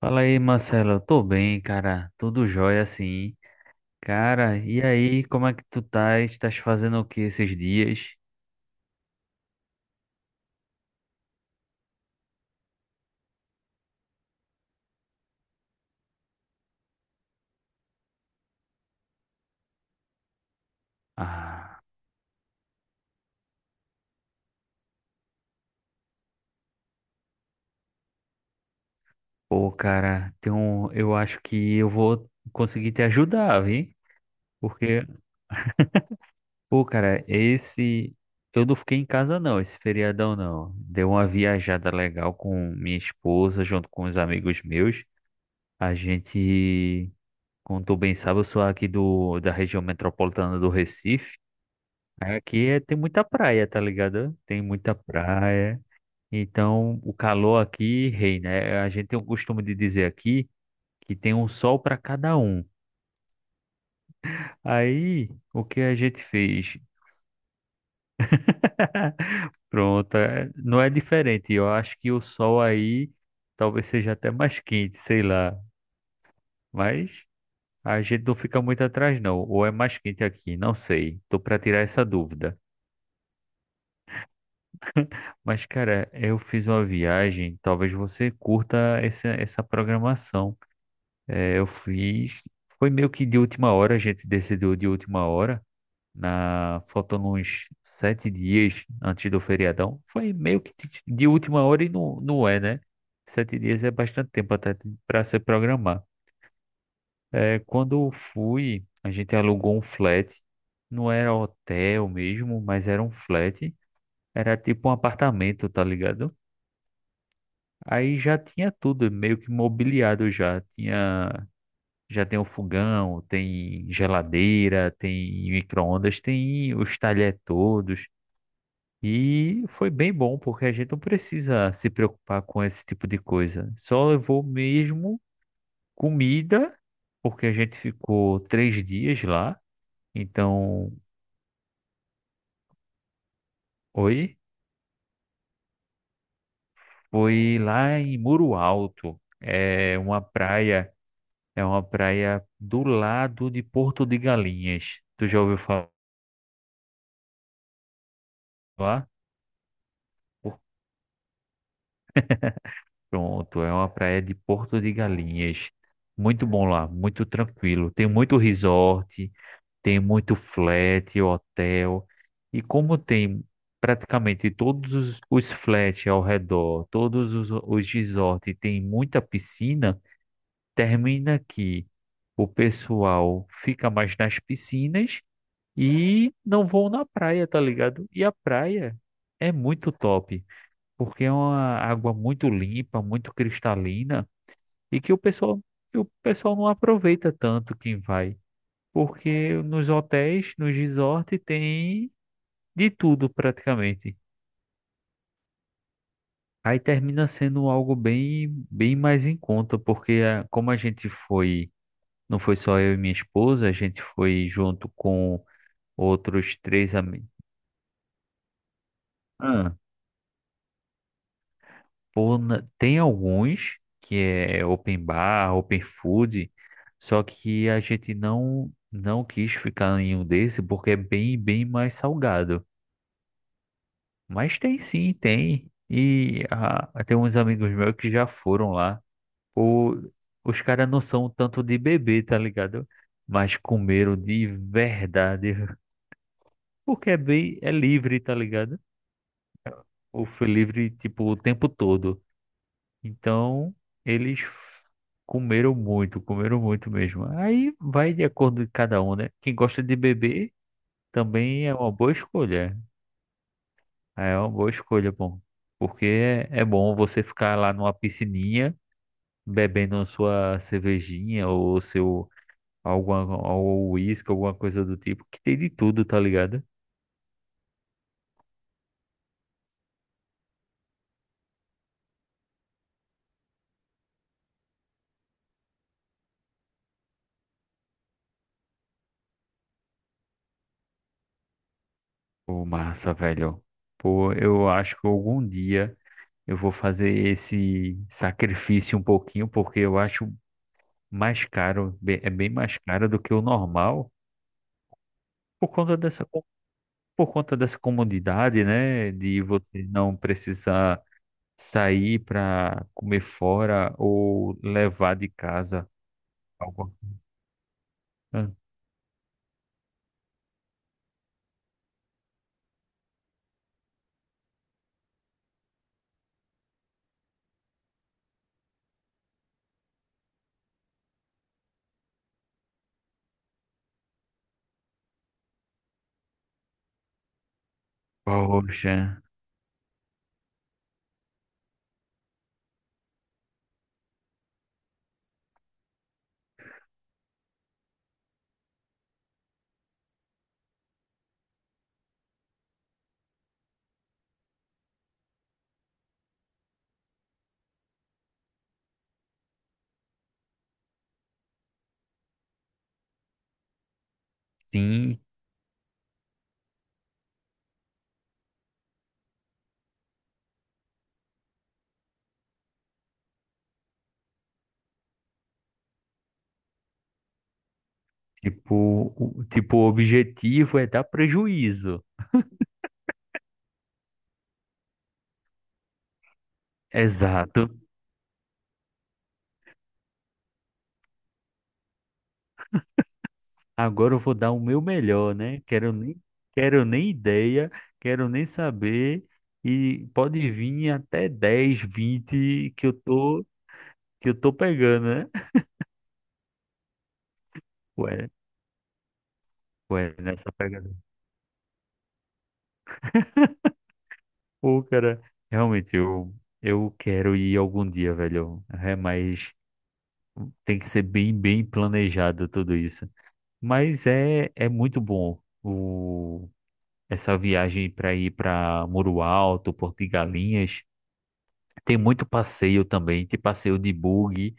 Fala aí, Marcelo. Eu tô bem, cara. Tudo jóia, sim. Cara, e aí, como é que tu tá? Estás fazendo o que esses dias? Ah, pô, cara, eu acho que eu vou conseguir te ajudar, viu? Porque, pô, cara, esse. Eu não fiquei em casa, não, esse feriadão, não. Deu uma viajada legal com minha esposa, junto com os amigos meus. A gente, como tu bem sabe, eu sou aqui da região metropolitana do Recife. Aqui tem muita praia, tá ligado? Tem muita praia. Então, o calor aqui reina. É, a gente tem o costume de dizer aqui que tem um sol para cada um. Aí, o que a gente fez? Pronto, não é diferente. Eu acho que o sol aí talvez seja até mais quente, sei lá. Mas a gente não fica muito atrás, não. Ou é mais quente aqui, não sei. Tô para tirar essa dúvida. Mas, cara, eu fiz uma viagem, talvez você curta essa programação. É, eu fiz, foi meio que de última hora, a gente decidiu de última hora, faltando uns 7 dias antes do feriadão. Foi meio que de última hora e não, não é, né? 7 dias é bastante tempo até para se programar. É, quando eu fui, a gente alugou um flat, não era hotel mesmo, mas era um flat, era tipo um apartamento, tá ligado? Aí já tinha tudo meio que mobiliado já. Já tem o fogão, tem geladeira, tem micro-ondas, tem os talher todos. E foi bem bom, porque a gente não precisa se preocupar com esse tipo de coisa. Só levou mesmo comida, porque a gente ficou 3 dias lá. Então, oi, foi lá em Muro Alto. É uma praia É uma praia do lado de Porto de Galinhas. Tu já ouviu falar? Por- Pronto, é uma praia de Porto de Galinhas. Muito bom lá, muito tranquilo. Tem muito resort, tem muito flat, hotel. E como tem praticamente todos os flats ao redor, todos os resorts, tem muita piscina, termina que o pessoal fica mais nas piscinas e não vão na praia, tá ligado? E a praia é muito top, porque é uma água muito limpa, muito cristalina e que o pessoal não aproveita tanto quem vai, porque nos hotéis, nos resorts tem de tudo praticamente. Aí termina sendo algo bem, bem mais em conta, porque como a gente foi, não foi só eu e minha esposa, a gente foi junto com outros três amigos. Pô, tem alguns que é open bar, open food, só que a gente não quis ficar em um desse porque é bem bem mais salgado. Mas tem sim, tem. E tem uns amigos meus que já foram lá. O, os caras não são tanto de beber, tá ligado? Mas comeram de verdade, porque é bem é livre, tá ligado? Ou foi livre tipo o tempo todo. Então, eles comeram muito mesmo. Aí vai de acordo de cada um, né? Quem gosta de beber também é uma boa escolha. É uma boa escolha, bom. Porque é bom você ficar lá numa piscininha bebendo a sua cervejinha ou seu alguma ou uísque, alguma coisa do tipo, que tem de tudo, tá ligado? Pô, massa, velho. Pô, eu acho que algum dia eu vou fazer esse sacrifício um pouquinho, porque eu acho mais caro, é bem mais caro do que o normal, por conta dessa, co- por conta dessa comodidade, né? De você não precisar sair para comer fora ou levar de casa algo. Ah, Poxa, sim, tipo, o objetivo é dar prejuízo. Exato. Agora eu vou dar o meu melhor, né? Quero nem ideia, quero nem saber. E pode vir até 10, 20 que eu tô pegando, né? Ué, ué, nessa pegada. Pô, cara, realmente eu quero ir algum dia, velho. É, mas tem que ser bem, bem planejado tudo isso. Mas é muito bom essa viagem para ir para Muro Alto, Porto de Galinhas. Tem muito passeio também. Tem passeio de buggy,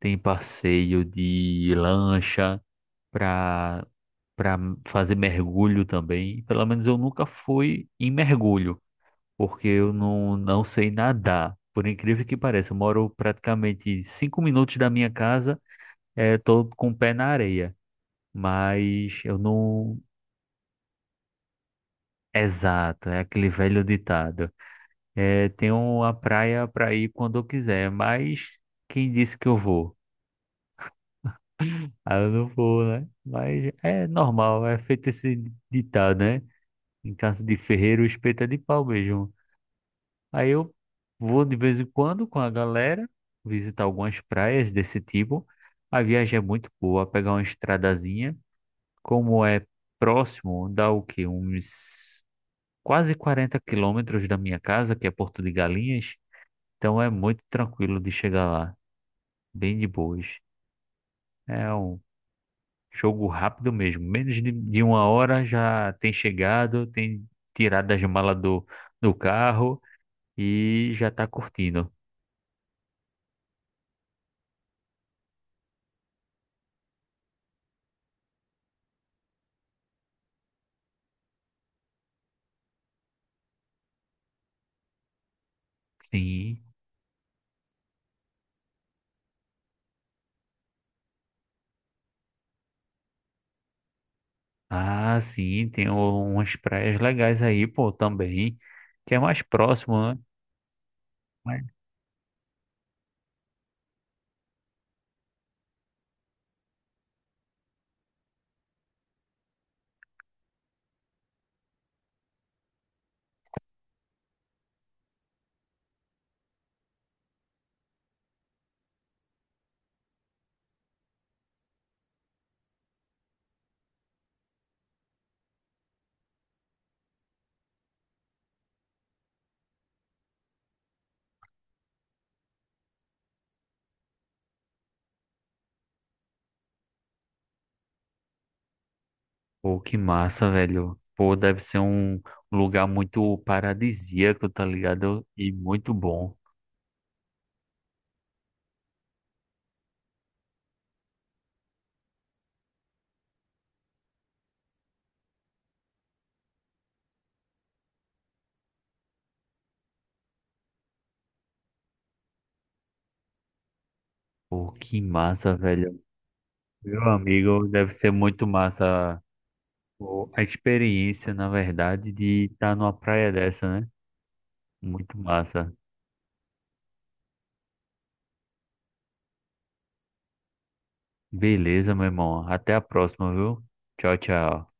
tem passeio de lancha para para fazer mergulho também. Pelo menos eu nunca fui em mergulho, porque eu não sei nadar. Por incrível que pareça, eu moro praticamente 5 minutos da minha casa, tô com o pé na areia, mas eu não. Exato, é aquele velho ditado. É, tenho uma praia para ir quando eu quiser, mas quem disse que eu vou? Aí eu não vou, né? Mas é normal, é feito esse ditado, né? Em casa de ferreiro, o espeto é de pau mesmo. Aí eu vou de vez em quando com a galera visitar algumas praias desse tipo. A viagem é muito boa, pegar uma estradazinha, como é próximo, dá o quê? Uns quase 40 quilômetros da minha casa, que é Porto de Galinhas. Então é muito tranquilo de chegar lá, bem de boas. É um jogo rápido mesmo. Menos de uma hora já tem chegado, tem tirado as malas do carro e já tá curtindo. Sim. Ah, sim, tem umas praias legais aí, pô, também. Que é mais próximo, né? Mas, pô, que massa, velho. Pô, deve ser um lugar muito paradisíaco, tá ligado? E muito bom. Pô, que massa, velho. Meu amigo, deve ser muito massa. Pô, a experiência, na verdade, de estar numa praia dessa, né? Muito massa. Beleza, meu irmão. Até a próxima, viu? Tchau, tchau.